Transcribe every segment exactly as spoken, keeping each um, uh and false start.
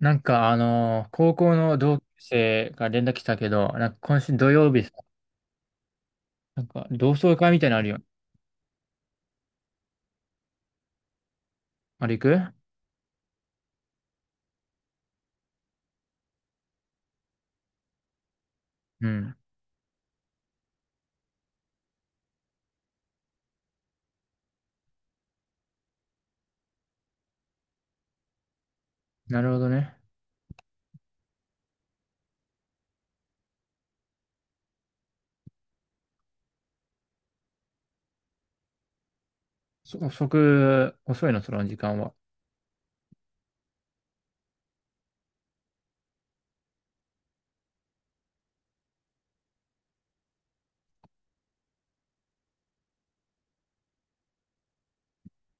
なんかあのー高校の同級生が連絡来たけど、なんか今週土曜日さ、なんか同窓会みたいなのあるよ。あれ行く？うん。なるほどね。そ、遅く、遅いの、その時間は？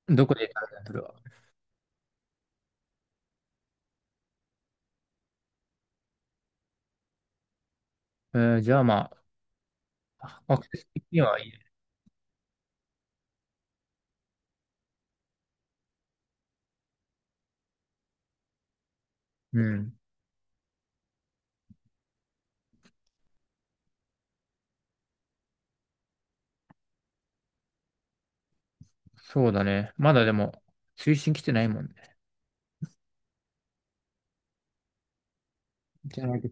どこで行くの、それは？えーじゃあまあ、アクセス的にはいいね。うん。そうだね。まだでも、推進来てないもんね。じゃないと、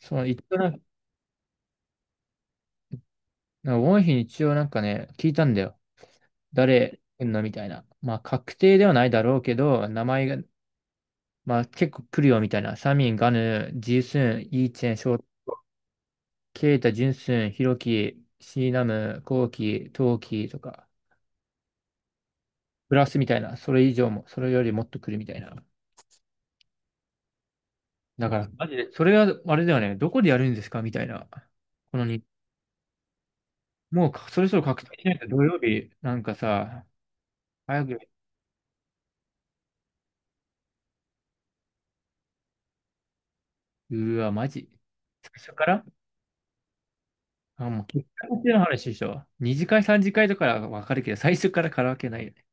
そう、一応なんか、なんか多い日に一応なんかね、聞いたんだよ。誰来んのみたいな。まあ、確定ではないだろうけど、名前が、まあ結構来るよみたいな。サミン、ガヌ、ジスン、イーチェン、ショウ、ケイタ、ジュンスン、ヒロキ、シーナム、コウキ、トウキとか、プラスみたいな。それ以上も、それよりもっと来るみたいな。だから、マジで、それはあれだよね。どこでやるんですかみたいな。このに、もうかそろそろ確定しないと土曜日、なんかさ、早く、うわ、マジ。最初から、あ、もう結果っの話でしょ？二次会、三次会とかはわかるけど、最初からカラオケないよね。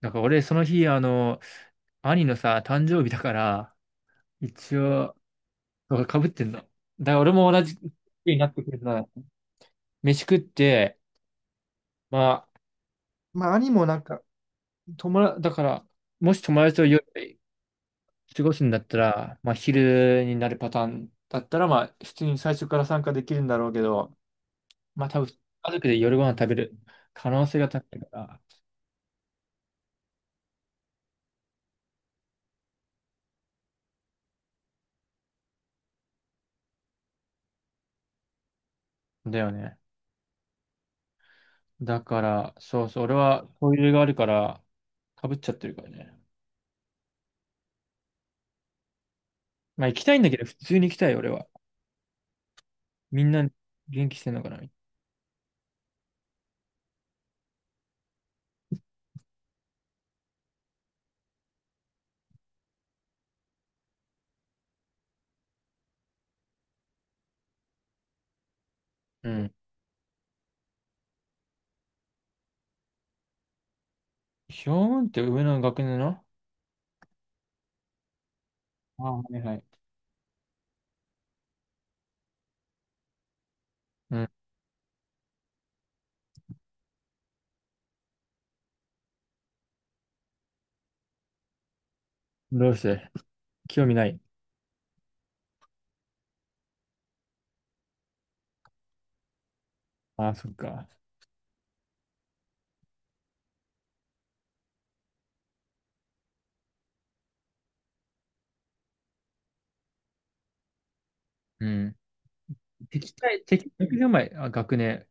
なんか俺、その日、あの、兄のさ、誕生日だから、一応、そうかぶってんの。だから俺も同じ日になってくるな。飯食って、まあ、まあ、兄もなんか、友達、だから、もし友達と夜過ごすんだったら、まあ、昼になるパターンだったら、まあ、普通に最初から参加できるんだろうけど、まあ、多分、家族で夜ご飯食べる可能性が高いから、だよね。だから、そうそう、俺は、トイレがあるから、かぶっちゃってるからね。まあ行きたいんだけど、普通に行きたい、俺は。みんな元気してんのかな。うん。ヒョーンって上の学年の？ああ、はいはい。うん。どうして興味ない。ああ、そっか。うん。敵対、敵、学年前、あ、学年。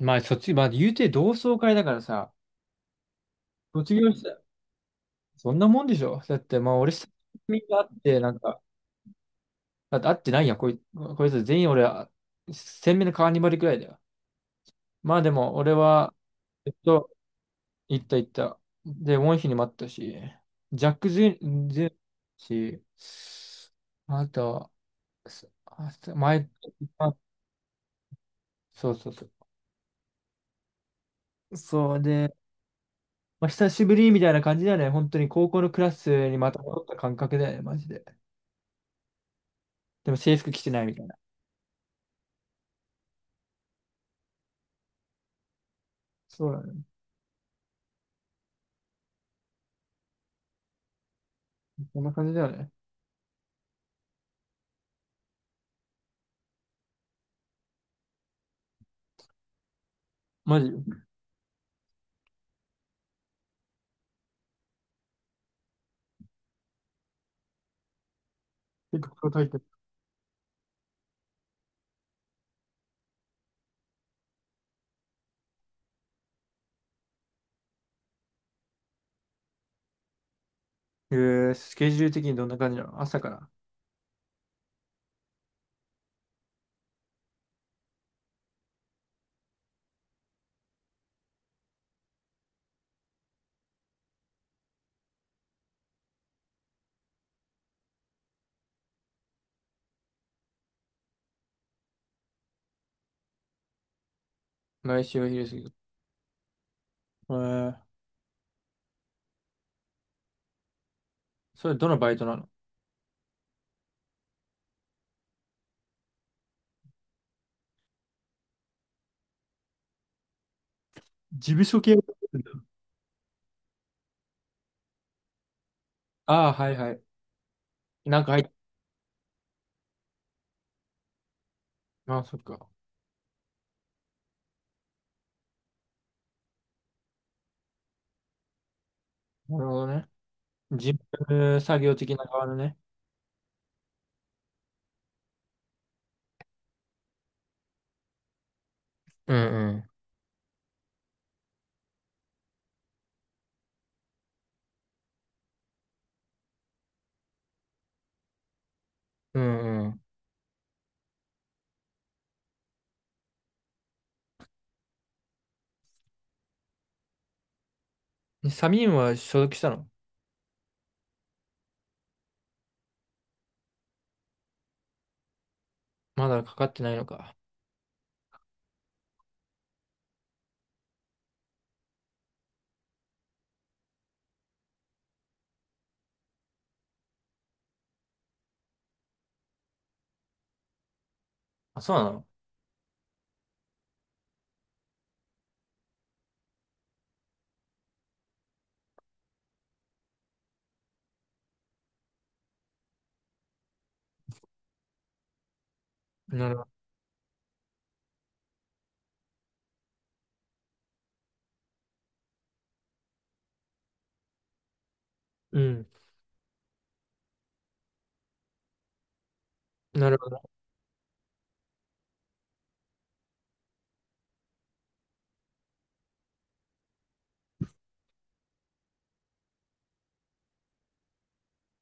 まあ、卒、まあ、言うて同窓会だからさ、卒業した、そんなもんでしょだって、まあ、俺、みんな会って、なんか、だって会ってないやん、こい、こいつ全員俺、鮮明なカーニバルくらいだよ。まあ、でも、俺は、ずっと行った行った。で、ウォンヒに待ったし、ジャック・ジュン、ジュンし、あとは、すあす前、あ、そうそうそう。そうで、まあ、久しぶりみたいな感じだよね。本当に高校のクラスにまた戻った感覚だよね、マジで。でも制服着てないみたいな。そうだね。こんな感じだよね。マジ。結構高いってる。えー、スケジュール的にどんな感じなの、朝から？毎週お昼過ぎ。えー、それどのバイトなの？事務所系をやってんだ？ああー、はいはい。なんか入っああ、そっか。なるほどね。事務作業的な側のね。うんうん。うんうん。でサミンは所属したの？まだかかってないのか。あ、そうなの？なるほど。うん。なるほど。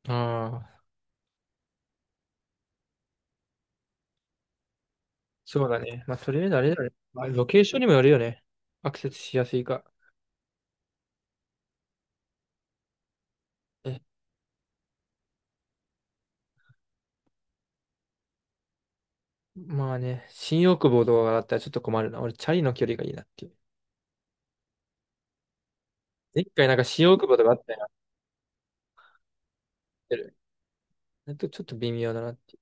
ああ、そうだね。まあ、とりあえずあれだね。まあ、ロケーションにもよるよね。アクセスしやすいか。え、まあね、新大久保とかだったらちょっと困るな。俺、チャリの距離がいいなっていう。一回なんか新大久保とかあったらやってる。えっと、ちょっと微妙だなって。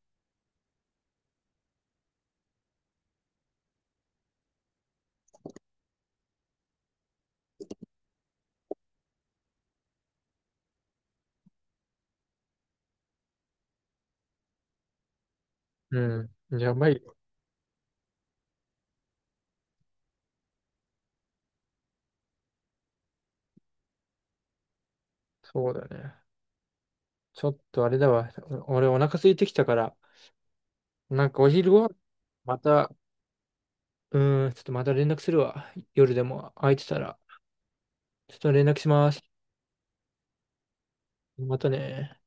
うん。やばいよ。そうだね。ちょっとあれだわ。俺お腹空いてきたから、なんかお昼ご飯、また、うーん、ちょっとまた連絡するわ。夜でも空いてたら、ちょっと連絡します。またね。